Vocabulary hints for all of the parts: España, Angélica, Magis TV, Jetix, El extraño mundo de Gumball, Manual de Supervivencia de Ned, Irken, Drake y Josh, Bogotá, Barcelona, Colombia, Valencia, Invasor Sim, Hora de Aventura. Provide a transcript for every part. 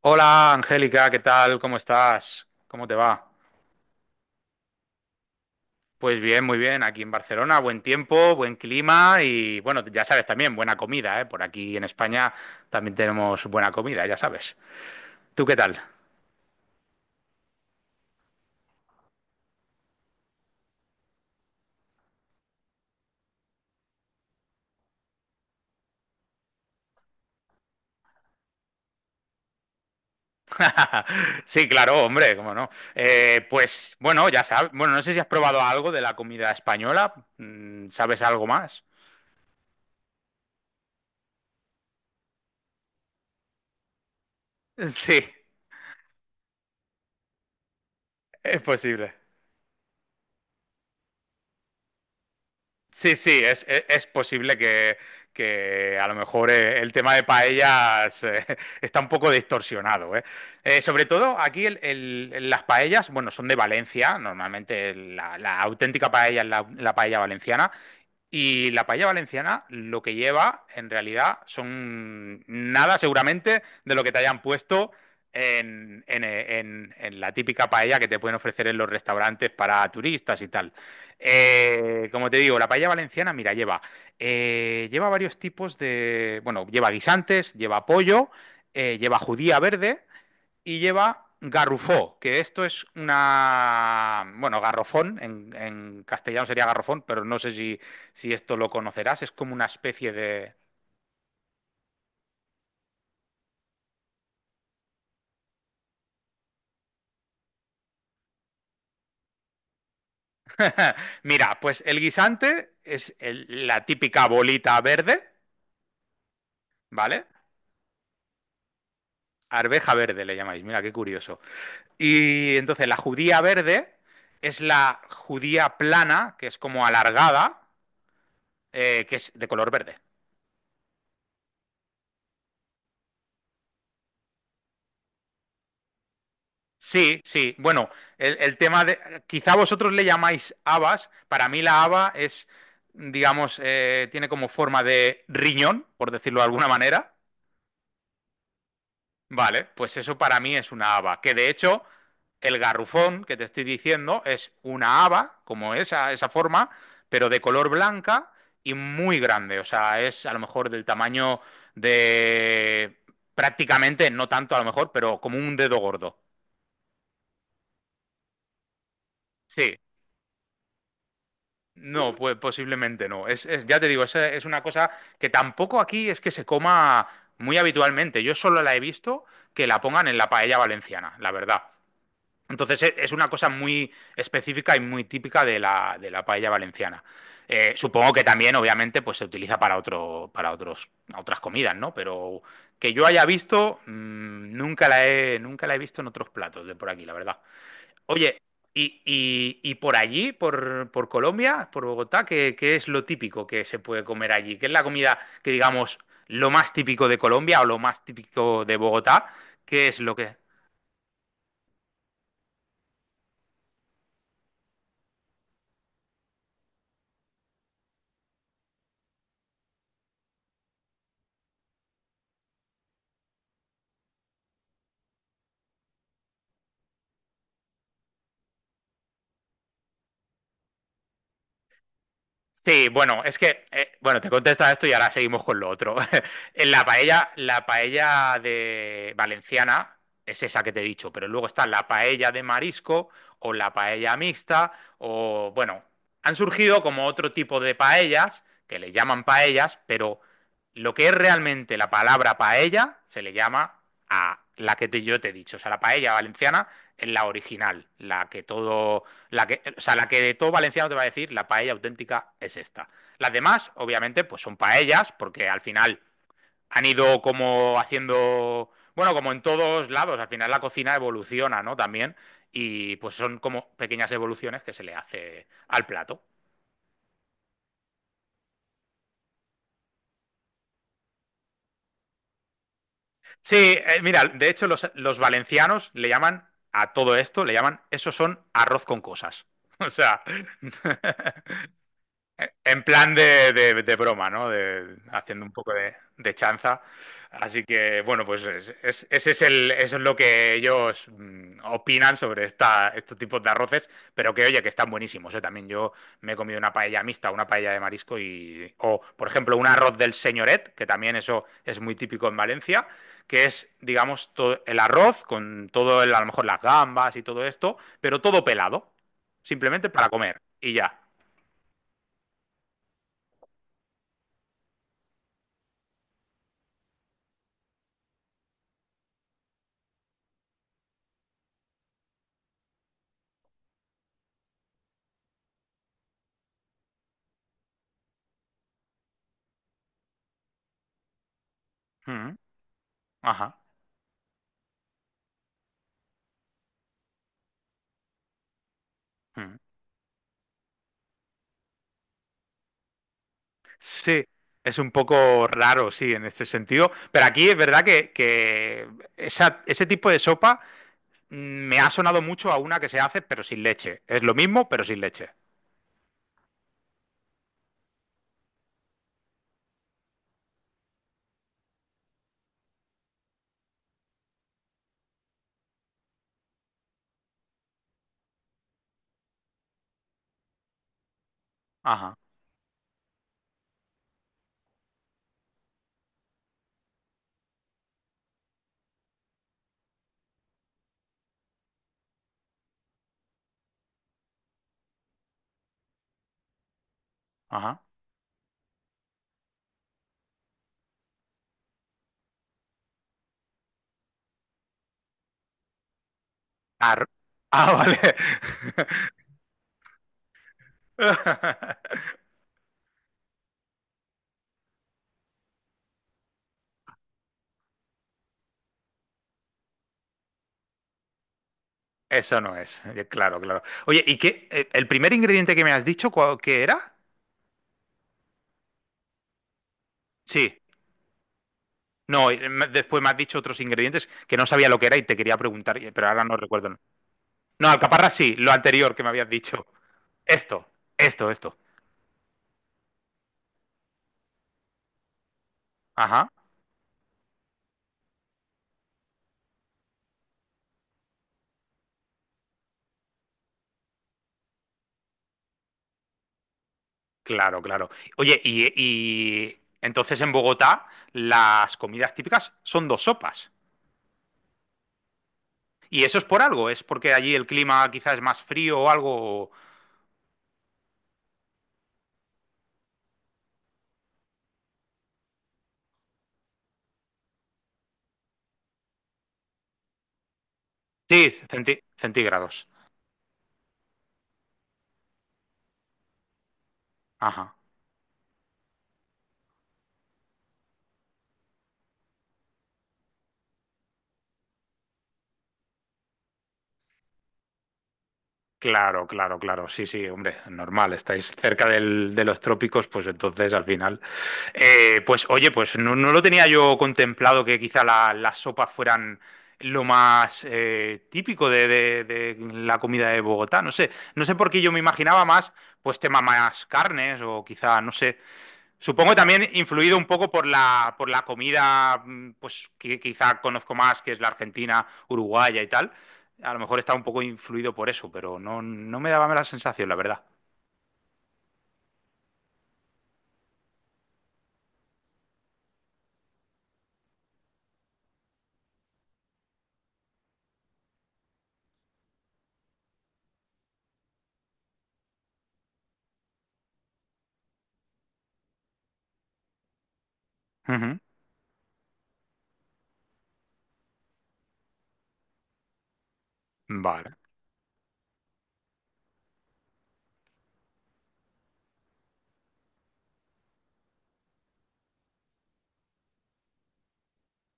Hola Angélica, ¿qué tal? ¿Cómo estás? ¿Cómo te va? Pues bien, muy bien. Aquí en Barcelona, buen tiempo, buen clima y bueno, ya sabes también, buena comida, ¿eh? Por aquí en España también tenemos buena comida, ya sabes. ¿Tú qué tal? Sí, claro, hombre, cómo no. Pues bueno, ya sabes. Bueno, no sé si has probado algo de la comida española. Mm, ¿sabes algo más? Sí, es posible. Sí, sí, es posible que a lo mejor el tema de paellas está un poco distorsionado, ¿eh? Sobre todo aquí las paellas, bueno, son de Valencia. Normalmente la auténtica paella es la paella valenciana, y la paella valenciana lo que lleva en realidad son nada seguramente de lo que te hayan puesto en la típica paella que te pueden ofrecer en los restaurantes para turistas y tal. Como te digo, la paella valenciana, mira, lleva, lleva varios tipos de, bueno, lleva guisantes, lleva pollo, lleva judía verde y lleva garrufó, que esto es una, bueno, garrofón, en castellano sería garrofón, pero no sé si, si esto lo conocerás. Es como una especie de… Mira, pues el guisante es la típica bolita verde, ¿vale? Arveja verde le llamáis, mira qué curioso. Y entonces la judía verde es la judía plana, que es como alargada, que es de color verde. Sí, sí. Bueno, el tema de… Quizá vosotros le llamáis habas. Para mí la haba es, digamos, tiene como forma de riñón, por decirlo de alguna manera. Vale, pues eso para mí es una haba. Que de hecho, el garrufón que te estoy diciendo es una haba, como esa forma, pero de color blanca y muy grande. O sea, es a lo mejor del tamaño de… Prácticamente, no tanto a lo mejor, pero como un dedo gordo. Sí, no, pues posiblemente no. Es, ya te digo, es una cosa que tampoco aquí es que se coma muy habitualmente. Yo solo la he visto que la pongan en la paella valenciana, la verdad. Entonces es una cosa muy específica y muy típica de de la paella valenciana. Supongo que también, obviamente, pues se utiliza para otro, para otros, otras comidas, ¿no? Pero que yo haya visto, nunca la he, nunca la he visto en otros platos de por aquí, la verdad. Oye, y, y por allí, por Colombia, por Bogotá, ¿qué, qué es lo típico que se puede comer allí? ¿Qué es la comida que, digamos, lo más típico de Colombia o lo más típico de Bogotá? ¿Qué es lo que… Sí, bueno, es que, bueno, te contesta esto y ahora seguimos con lo otro. En la paella de valenciana es esa que te he dicho, pero luego está la paella de marisco o la paella mixta o, bueno, han surgido como otro tipo de paellas que le llaman paellas, pero lo que es realmente la palabra paella se le llama a la que yo te he dicho, o sea, la paella valenciana es la original, la que todo, la que, o sea, la que de todo valenciano te va a decir la paella auténtica es esta. Las demás, obviamente, pues son paellas, porque al final han ido como haciendo, bueno, como en todos lados, al final la cocina evoluciona, ¿no? También. Y pues son como pequeñas evoluciones que se le hace al plato. Sí, mira, de hecho los valencianos le llaman a todo esto, le llaman, eso son arroz con cosas. O sea, en plan de, de broma, ¿no? De… haciendo un poco de chanza. Así que, bueno, pues ese es el, eso es lo que ellos opinan sobre esta, estos tipos de arroces, pero que, oye, que están buenísimos, ¿eh? También yo me he comido una paella mixta, una paella de marisco y, o, por ejemplo, un arroz del señoret, que también eso es muy típico en Valencia, que es, digamos, el arroz con todo, el, a lo mejor las gambas y todo esto, pero todo pelado, simplemente para comer y ya. Ujú. Ajá. Mm. Sí, es un poco raro, sí, en este sentido, pero aquí es verdad que ese tipo de sopa mm, me ha sonado mucho a una que se hace, pero sin leche. Es lo mismo, pero sin leche. Ajá, ajá. Ar- ah, vale. Eso no es… eh, claro, claro. Oye, ¿y qué? ¿El primer ingrediente que me has dicho, qué era? Sí. No, después me has dicho otros ingredientes que no sabía lo que era y te quería preguntar, pero ahora no recuerdo. No, alcaparra sí, lo anterior que me habías dicho. Esto, esto, esto. Ajá, claro, claro. Oye, y entonces en Bogotá las comidas típicas son dos sopas. ¿Y eso es por algo? ¿Es porque allí el clima quizás es más frío o algo? Sí, centí- centígrados. Ajá. Claro, claro, claro. Sí, sí, hombre, normal. Estáis cerca de los trópicos, pues entonces al final… pues oye, pues no, no lo tenía yo contemplado que quizá las sopas fueran lo más típico de, de la comida de Bogotá. No sé, no sé por qué yo me imaginaba más, pues tema más carnes o quizá, no sé. Supongo también influido un poco por la comida, pues que quizá conozco más, que es la argentina, uruguaya y tal. A lo mejor está un poco influido por eso, pero no, no me daba la sensación, la verdad. Ujú. Vale.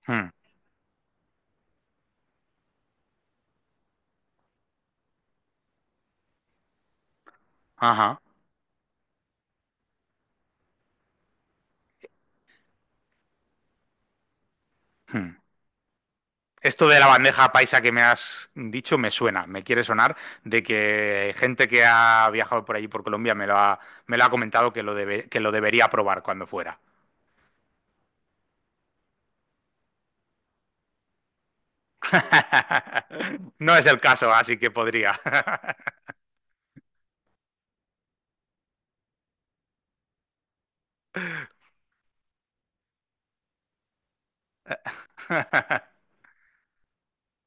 Mm. Ajá. Mm. Esto de la bandeja paisa que me has dicho me suena, me quiere sonar de que gente que ha viajado por allí por Colombia me lo ha comentado que lo que lo debería probar cuando fuera. No es el caso, así que podría.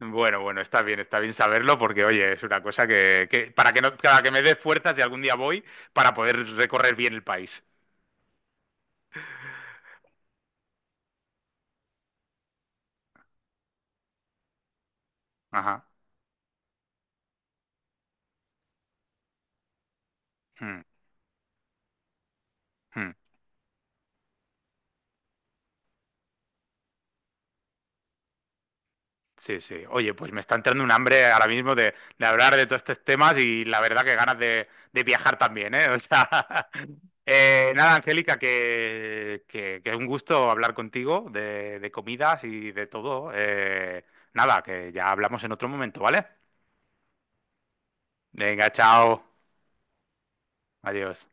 Bueno, bueno, está bien saberlo porque, oye, es una cosa que, para que no, para que me dé fuerzas si algún día voy para poder recorrer bien el país. Ajá. Hmm, hmm. Sí, sí. Oye, pues me está entrando un hambre ahora mismo de hablar de todos estos temas y la verdad que ganas de viajar también, ¿eh? O sea, nada, Angélica, que es un gusto hablar contigo de comidas y de todo. Nada, que ya hablamos en otro momento, ¿vale? Venga, chao. Adiós.